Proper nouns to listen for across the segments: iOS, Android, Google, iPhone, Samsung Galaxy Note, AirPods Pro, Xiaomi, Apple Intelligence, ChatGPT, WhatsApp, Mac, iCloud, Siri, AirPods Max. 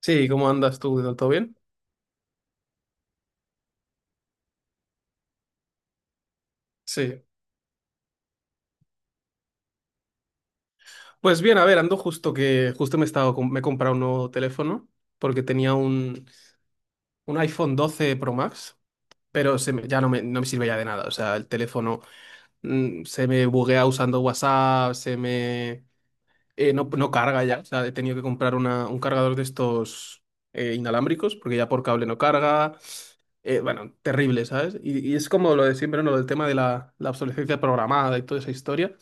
Sí, ¿cómo andas tú? ¿Todo bien? Sí. Pues bien, a ver, ando justo que justo me he estado me he comprado un nuevo teléfono porque tenía un iPhone 12 Pro Max, pero ya no me sirve ya de nada. O sea, el teléfono se me buguea usando WhatsApp, se me no, no carga ya. O sea, he tenido que comprar un cargador de estos inalámbricos porque ya por cable no carga. Bueno, terrible, ¿sabes? Y es como lo de siempre, ¿no? Lo del tema de la obsolescencia programada y toda esa historia.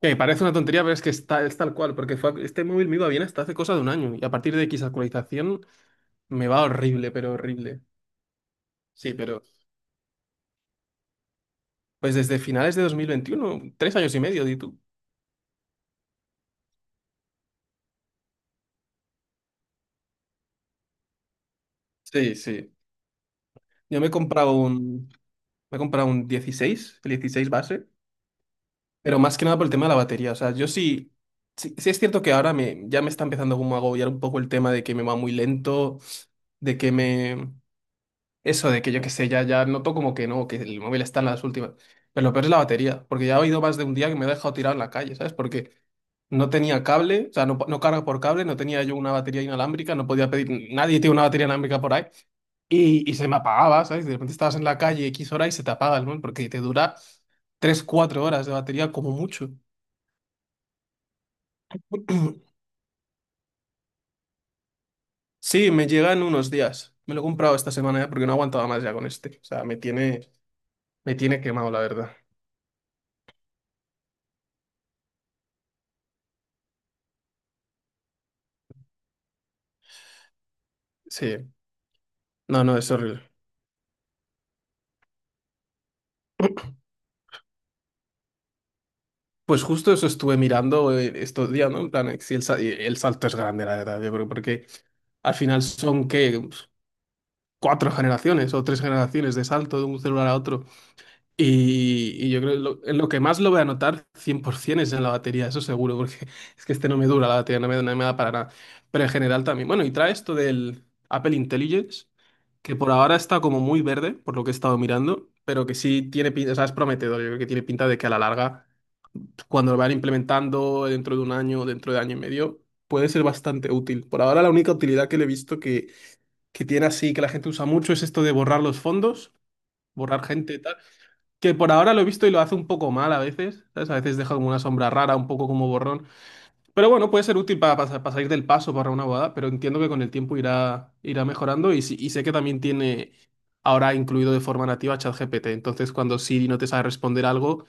Que parece una tontería, pero es que está, es tal cual, porque este móvil me iba bien hasta hace cosa de un año y a partir de X actualización me va horrible, pero horrible. Sí, pero pues desde finales de 2021, 3 años y medio, di tú. Sí, sí. Yo me he comprado un 16, el 16 base, pero más que nada por el tema de la batería. O sea, yo sí, sí, sí es cierto que ahora ya me está empezando como a agobiar un poco el tema de que me va muy lento, de que me, eso de que yo qué sé, ya, ya noto como que no, que el móvil está en las últimas. Pero lo peor es la batería, porque ya he oído más de un día que me he dejado tirado en la calle, ¿sabes? Porque no tenía cable, o sea, no, no carga por cable, no tenía yo una batería inalámbrica, no podía pedir, nadie tiene una batería inalámbrica por ahí, y se me apagaba, ¿sabes? De repente estabas en la calle X hora y se te apaga el móvil, porque te dura tres cuatro horas de batería como mucho. Sí, me llega en unos días. Me lo he comprado esta semana ya porque no aguantaba más ya con este. O sea, me tiene quemado, la verdad. Sí, no, no, es horrible. Pues justo eso estuve mirando estos días, ¿no? En plan, si el, sa- el salto es grande, la verdad, yo creo, porque al final son, ¿qué? Pues, cuatro generaciones o tres generaciones de salto de un celular a otro. Y yo creo que en lo que más lo voy a notar 100% es en la batería, eso seguro, porque es que este no me dura la batería, no me da para nada. Pero en general también. Bueno, y trae esto del Apple Intelligence, que por ahora está como muy verde, por lo que he estado mirando, pero que sí tiene pinta, o sea, es prometedor, yo creo que tiene pinta de que a la larga, cuando lo van implementando, dentro de un año, dentro de año y medio, puede ser bastante útil. Por ahora la única utilidad que le he visto que tiene así, que la gente usa mucho, es esto de borrar los fondos, borrar gente y tal, que por ahora lo he visto y lo hace un poco mal a veces, ¿sabes? A veces deja como una sombra rara, un poco como borrón. Pero bueno, puede ser útil para, para salir del paso para una boda, pero entiendo que con el tiempo irá mejorando y sé que también tiene. Ahora incluido de forma nativa ChatGPT. Entonces, cuando Siri no te sabe responder algo,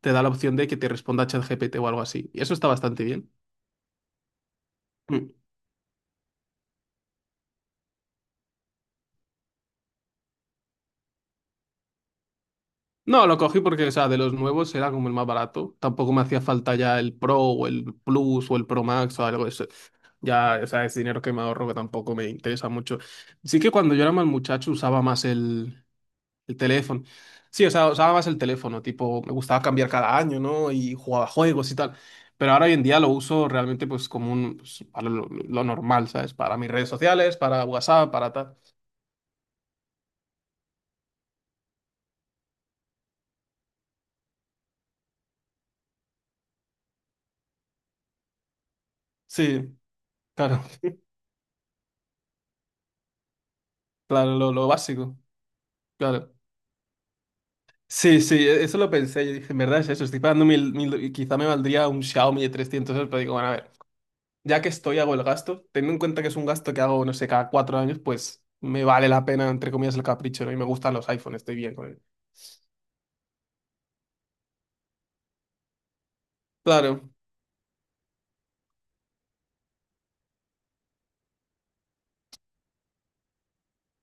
te da la opción de que te responda ChatGPT o algo así. Y eso está bastante bien. Mm. No, lo cogí porque, o sea, de los nuevos era como el más barato. Tampoco me hacía falta ya el Pro o el Plus o el Pro Max o algo de eso. Ya, o sea, es dinero que me ahorro que tampoco me interesa mucho. Sí que cuando yo era más muchacho usaba más el teléfono. Sí, o sea, usaba más el teléfono, tipo, me gustaba cambiar cada año, ¿no? Y jugaba juegos y tal. Pero ahora hoy en día lo uso realmente pues como un, pues, para lo normal, ¿sabes? Para mis redes sociales, para WhatsApp, para tal. Sí. Claro, claro, lo básico, claro. Sí, sí, eso lo pensé, yo dije, en verdad es eso, estoy pagando mil, mil, y quizá me valdría un Xiaomi de 300 euros, pero digo, bueno, a ver, ya que estoy, hago el gasto, teniendo en cuenta que es un gasto que hago, no sé, cada 4 años, pues me vale la pena, entre comillas, el capricho, ¿no? Y me gustan los iPhones, estoy bien con él. Claro,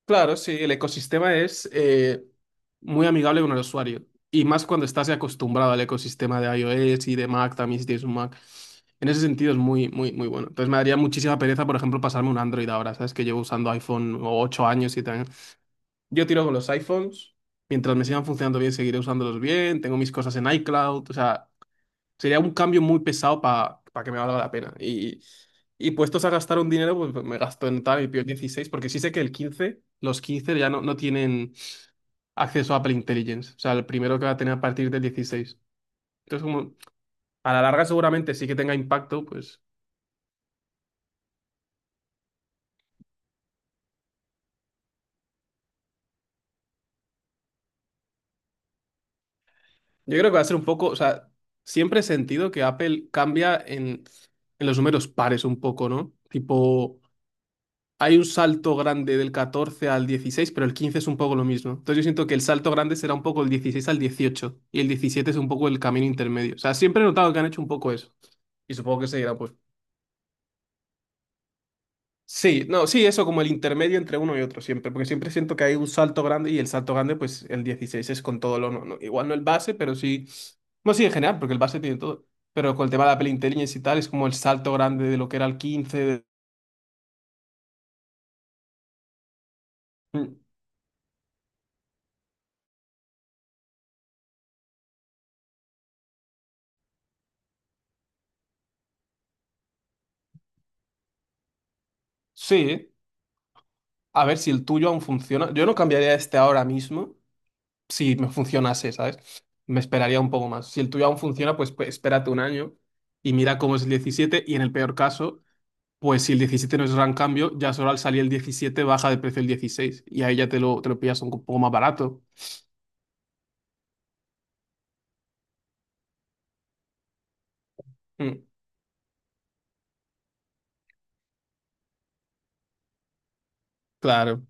Claro, sí, el ecosistema es muy amigable con el usuario y más cuando estás acostumbrado al ecosistema de iOS y de Mac, también si tienes un Mac. En ese sentido es muy, muy, muy bueno. Entonces me daría muchísima pereza, por ejemplo, pasarme un Android ahora, ¿sabes? Que llevo usando iPhone 8 años, 7 años. Yo tiro con los iPhones, mientras me sigan funcionando bien, seguiré usándolos bien, tengo mis cosas en iCloud. O sea, sería un cambio muy pesado para que me valga la pena. Y puestos a gastar un dinero, pues me gasto en tal y pido el 16, porque sí sé que el 15 los 15 ya no, no tienen acceso a Apple Intelligence. O sea, el primero que va a tener a partir del 16. Entonces, como a la larga seguramente sí que tenga impacto, pues yo creo que va a ser un poco, o sea, siempre he sentido que Apple cambia en los números pares un poco, ¿no? Tipo, hay un salto grande del 14 al 16, pero el 15 es un poco lo mismo. Entonces yo siento que el salto grande será un poco el 16 al 18 y el 17 es un poco el camino intermedio. O sea, siempre he notado que han hecho un poco eso. Y supongo que seguirá pues. Sí, no, sí, eso como el intermedio entre uno y otro siempre, porque siempre siento que hay un salto grande y el salto grande pues el 16 es con todo lo no, igual no el base, pero sí, no sí en general, porque el base tiene todo, pero con el tema de la peli Intelligence y tal es como el salto grande de lo que era el 15 . Mm. Sí. A ver si el tuyo aún funciona. Yo no cambiaría este ahora mismo si me funcionase, ¿sabes? Me esperaría un poco más. Si el tuyo aún funciona, pues espérate un año y mira cómo es el 17. Y en el peor caso, pues si el 17 no es gran cambio, ya solo al salir el 17 baja de precio el 16 y ahí ya te lo pillas un poco más barato. Mm, claro,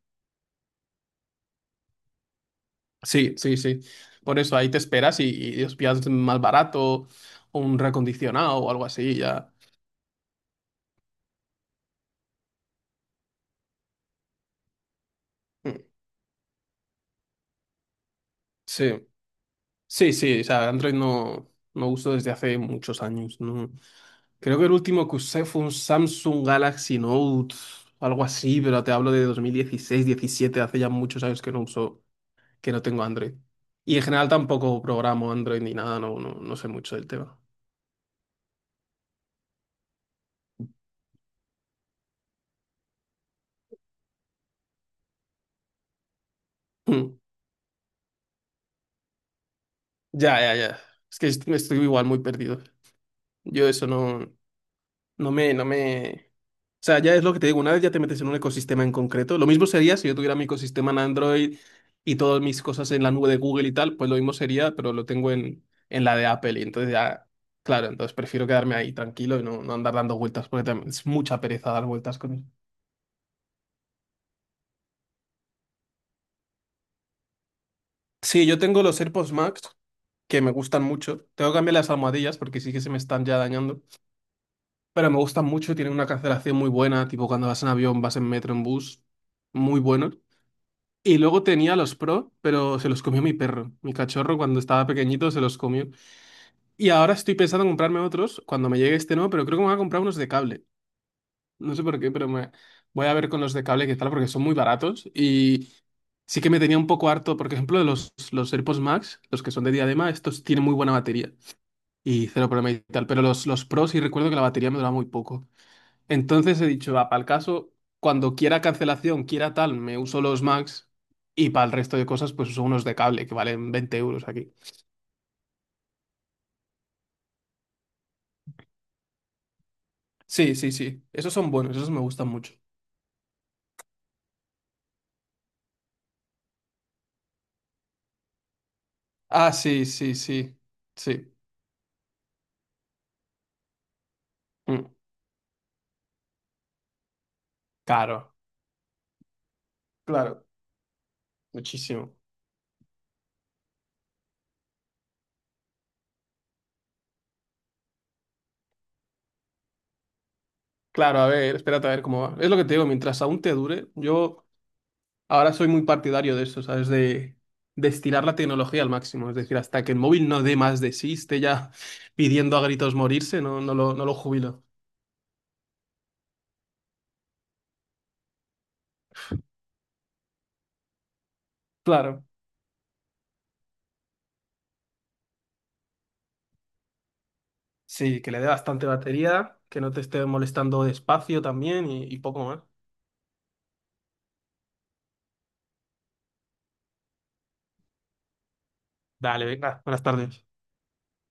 sí, sí, sí. Por eso ahí te esperas y los pillas más barato o un recondicionado o algo así, ya. Mm, sí. Sí, sí, o sea, Android no, no uso desde hace muchos años, ¿no? Creo que el último que usé fue un Samsung Galaxy Note, algo así, pero te hablo de 2016, 17, hace ya muchos años que no uso, que no tengo Android. Y en general tampoco programo Android ni nada, no, no, no sé mucho del tema. Hmm. Ya, ya, ya. Es que estoy igual muy perdido. Yo eso no, no me, no me, o sea, ya es lo que te digo, una vez ya te metes en un ecosistema en concreto, lo mismo sería si yo tuviera mi ecosistema en Android y todas mis cosas en la nube de Google y tal, pues lo mismo sería, pero lo tengo en la de Apple y entonces ya, claro, entonces prefiero quedarme ahí tranquilo y no, no andar dando vueltas porque también es mucha pereza dar vueltas con eso. Sí, yo tengo los AirPods Max que me gustan mucho. Tengo que cambiar las almohadillas porque sí que se me están ya dañando, pero me gustan mucho, tienen una cancelación muy buena, tipo cuando vas en avión, vas en metro, en bus, muy buenos. Y luego tenía los Pro, pero se los comió mi perro. Mi cachorro cuando estaba pequeñito se los comió. Y ahora estoy pensando en comprarme otros cuando me llegue este nuevo, pero creo que me voy a comprar unos de cable. No sé por qué, pero me voy a ver con los de cable qué tal, porque son muy baratos. Y sí que me tenía un poco harto, por ejemplo, de los AirPods Max, los que son de diadema, estos tienen muy buena batería y cero problema y tal. Pero los Pro sí recuerdo que la batería me duraba muy poco. Entonces he dicho, va, para el caso, cuando quiera cancelación, quiera tal, me uso los Max y para el resto de cosas, pues uso unos de cable que valen 20 euros aquí. Sí, sí, sí. Esos son buenos, esos me gustan mucho. Ah, sí, sí, sí. Sí. Mm, Claro, claro, muchísimo. Claro, a ver, espérate a ver cómo va. Es lo que te digo, mientras aún te dure, yo ahora soy muy partidario de eso, ¿sabes? De estirar la tecnología al máximo. Es decir, hasta que el móvil no dé más de sí, esté ya pidiendo a gritos morirse, no, no lo jubilo. Claro, sí, que le dé bastante batería, que no te esté molestando despacio también y poco más. Dale, venga, buenas tardes.